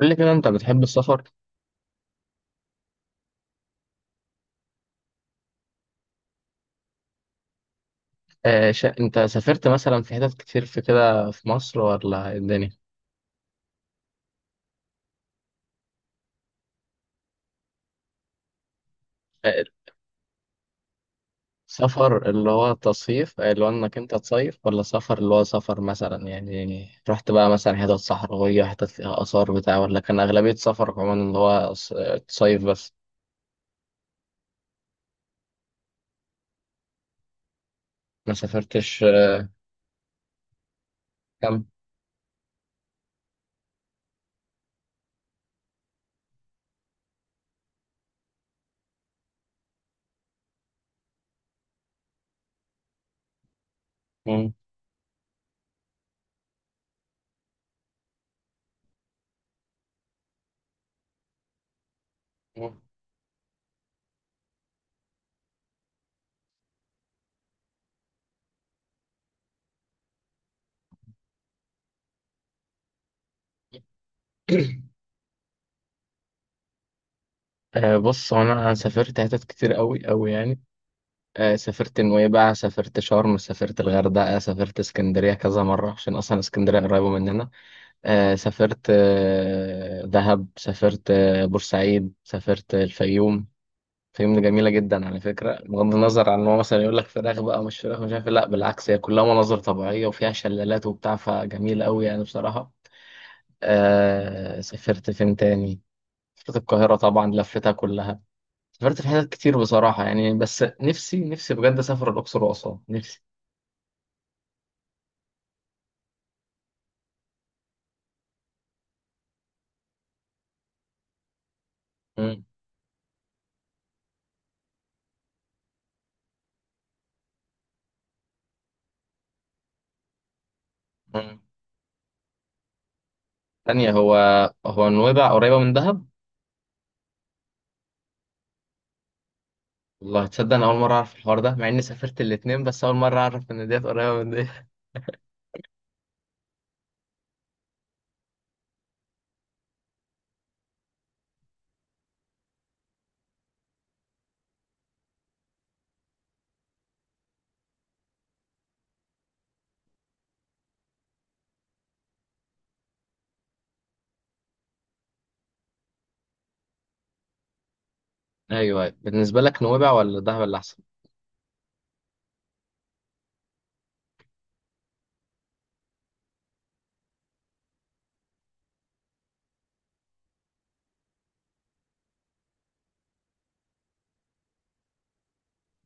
قول لي كده، انت بتحب السفر؟ انت سافرت مثلا في حتت كتير في كده في مصر، ولا ايه الدنيا؟ آه، سفر اللي هو تصيف، اللي هو انك انت تصيف، ولا سفر اللي هو سفر، مثلا يعني رحت بقى مثلا حتت صحراوية، حتت فيها آثار بتاع، ولا كان أغلبية سفرك عموما اللي هو تصيف بس؟ ما سافرتش. كام؟ مم. مم. بص، هو انا سافرت حتت كتير قوي قوي يعني. سافرت نويبع، سافرت شرم، سافرت الغردقة، سافرت اسكندرية كذا مرة عشان أصلا اسكندرية قريبة مننا. سافرت دهب، سافرت بورسعيد، سافرت الفيوم. الفيوم دي جميلة جدا على فكرة، بغض النظر عن إن هو مثلا يقول لك فراخ بقى مش فراخ مش عارف إيه. لا، بالعكس، هي كلها مناظر طبيعية وفيها شلالات وبتاع، فجميل أوي يعني بصراحة. سافرت فين تاني؟ سافرت القاهرة طبعا، لفتها كلها. سافرت في حتت كتير بصراحة يعني، بس نفسي نفسي بجد أسافر الأقصر وأسوان، نفسي. مم. مم. تانية هو. هو نويبع قريبة من دهب؟ والله تصدق، أنا أول مرة أعرف الحوار ده، مع إني سافرت الاتنين، بس أول مرة أعرف إن ديت قريبة من ديت. أيوه أيوه، بالنسبة لك نويبع ولا دهب اللي أحسن؟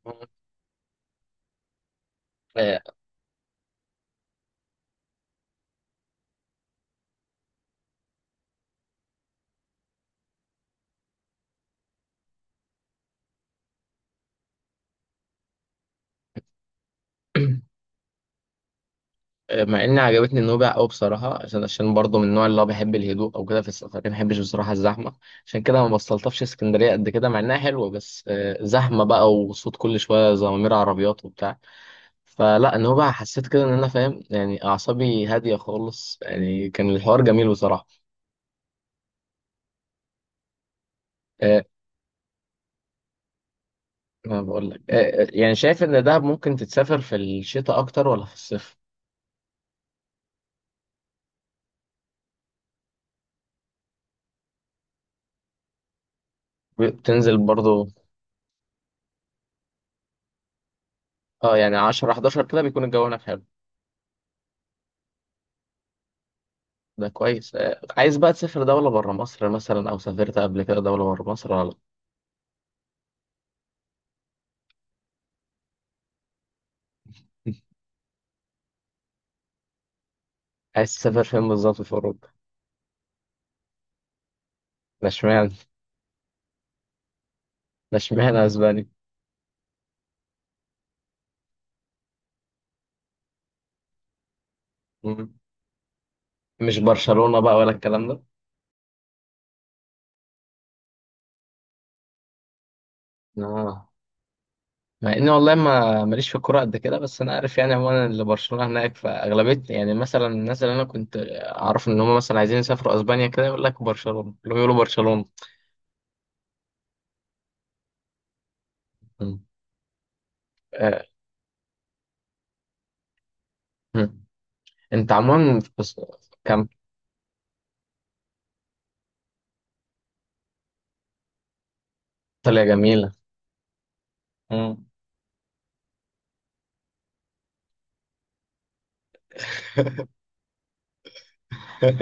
مم. آه، مع إني عجبتني نويبع أوي بصراحة، عشان برضه من النوع اللي هو بيحب الهدوء أو كده، في السفر ما بحبش بصراحة الزحمة. عشان كده ما بستلطفش اسكندرية قد كده، مع إنها حلوة بس زحمة بقى، وصوت كل شوية زمامير عربيات وبتاع. فلا ان هو بقى حسيت كده ان انا فاهم يعني اعصابي هاديه خالص، يعني كان الحوار جميل بصراحه. أه، ما بقول لك أه. يعني شايف ان دهب ممكن تتسافر في الشتاء اكتر، ولا في الصيف؟ بتنزل برضو؟ اه يعني، 10 11 كده بيكون الجو هناك حلو. ده كويس. أه، عايز بقى تسافر دوله بره مصر مثلا، او سافرت قبل كده دوله بره مصر ولا لأ؟ عايز تسافر فين بالظبط في اوروبا؟ ده اشمعنى؟ ده اشمعنى اسبانيا؟ مم. مش برشلونه بقى ولا الكلام ده؟ اه. مع اني والله ما ماليش في الكوره قد كده، بس انا عارف يعني، هو انا اللي برشلونه هناك فاغلبيه يعني، مثلا الناس اللي انا كنت اعرف ان هم مثلا عايزين يسافروا اسبانيا كده يقول لك برشلونه، اللي هو يقولوا برشلونه. مم. آه. مم. انت عموما كام؟ ايطاليا جميله. مم.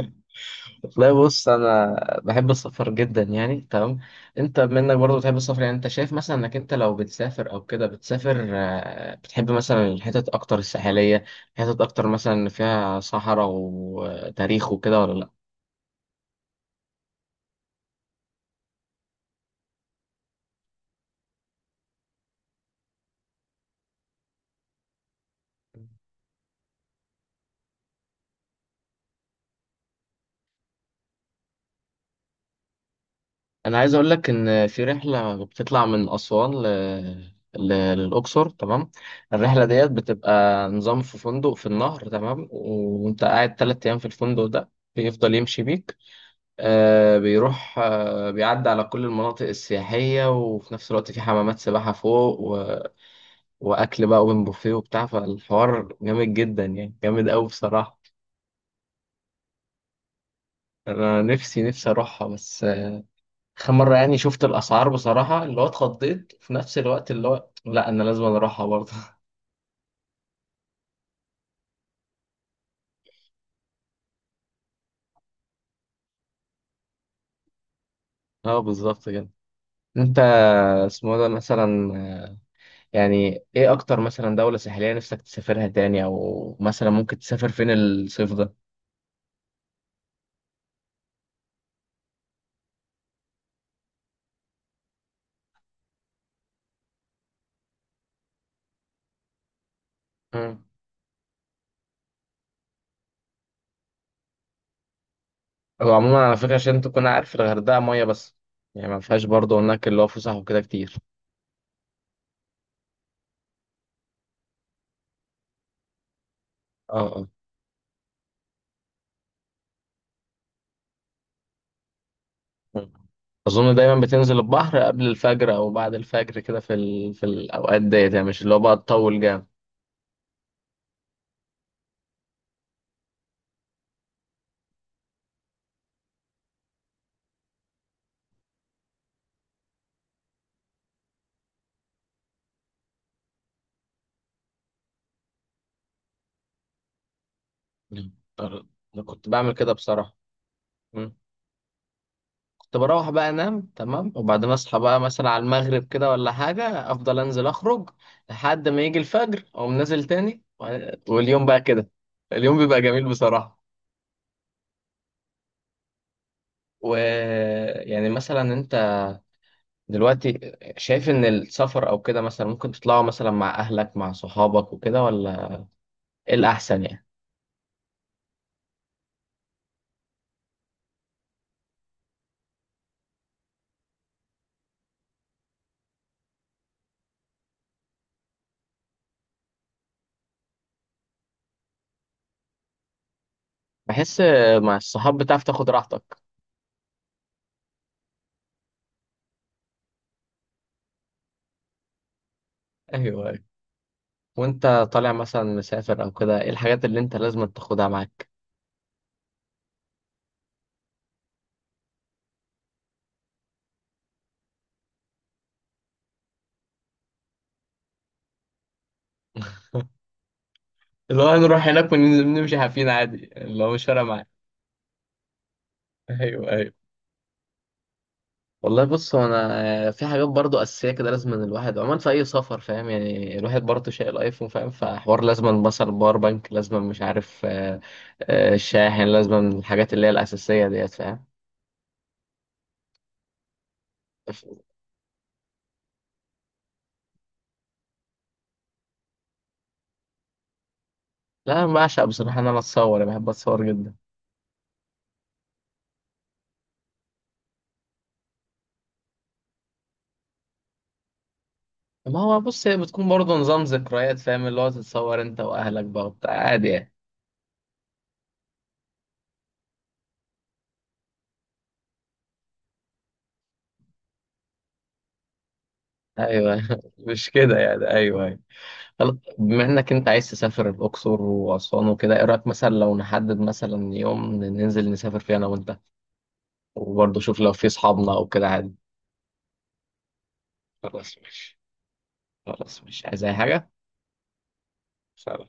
والله بص، انا بحب السفر جدا يعني تمام. انت منك برضه بتحب السفر، يعني انت شايف مثلا انك انت لو بتسافر او كده بتسافر، بتحب مثلا الحتت اكتر الساحليه، حتت اكتر مثلا فيها صحراء وتاريخ وكده، ولا لا؟ انا عايز اقول لك ان في رحله بتطلع من اسوان ل... للاقصر، تمام. الرحله ديت بتبقى نظام في فندق في النهر، تمام، وانت قاعد 3 ايام في الفندق ده. بيفضل يمشي بيك. بيروح بيعدي على كل المناطق السياحية، وفي نفس الوقت في حمامات سباحة فوق وأكل بقى أوبن بوفيه وبتاع، فالحوار جامد جدا يعني، جامد أوي بصراحة. أنا نفسي نفسي أروحها، بس آخر مرة يعني شفت الأسعار بصراحة اللي هو اتخضيت، في نفس الوقت اللي هو لأ، أنا لازم أروحها برضه. أه، بالظبط كده. أنت، اسمه ده مثلا، يعني إيه أكتر مثلا دولة ساحلية نفسك تسافرها تاني؟ أو مثلا ممكن تسافر فين الصيف؟ ده؟ هو عموما على فكرة، عشان تكون عارف، الغردقة مية بس. يعني ما فيهاش برضه هناك اللي هو فسح وكده كتير. اه. اه. أظن دايما بتنزل البحر قبل الفجر أو بعد الفجر كده في في الأوقات ديت، يعني مش اللي هو بقى تطول جامد. أه. أنا كنت بعمل كده بصراحة. مم. كنت بروح بقى أنام، تمام، وبعدين أصحى بقى مثلا على المغرب كده ولا حاجة، أفضل أنزل أخرج لحد ما يجي الفجر، أقوم نازل تاني، واليوم بقى كده، اليوم بيبقى جميل بصراحة. ويعني مثلا، أنت دلوقتي شايف ان السفر او كده مثلا ممكن تطلعوا مثلا مع اهلك مع صحابك وكده، ولا ايه الاحسن يعني؟ بحس. مع الصحاب بتعرف تاخد راحتك. ايوه أيوة. وانت طالع مثلا مسافر او كده، ايه الحاجات اللي انت لازم تاخدها معاك؟ اللي هو نروح هناك وننزل نمشي حافين عادي، اللي هو مش فارقه معاك؟ ايوه ايوه. والله بص، هو انا في حاجات برضو اساسيه كده لازم، إن الواحد عموما في اي سفر فاهم يعني، الواحد برضو شايل ايفون فاهم، فحوار لازم مثلا باور بانك، لازم مش عارف الشاحن لازم، الحاجات اللي هي الاساسيه ديت فاهم. ف- لا، انا بعشق بصراحه ان انا اتصور، أنا بحب اتصور جدا. ما هو بص، هي بتكون برضو نظام ذكريات فاهم، اللي هو تتصور انت واهلك بقى وبتاع عادي يعني. ايوه مش كده يعني، ايوه أيوه. طب، بما انك انت عايز تسافر الاقصر واسوان وكده، ايه رايك مثلا لو نحدد مثلا يوم ننزل نسافر فيه انا وانت، وبرضه شوف لو في اصحابنا او كده عادي. خلاص ماشي. خلاص ماشي، عايز اي حاجه؟ سلام.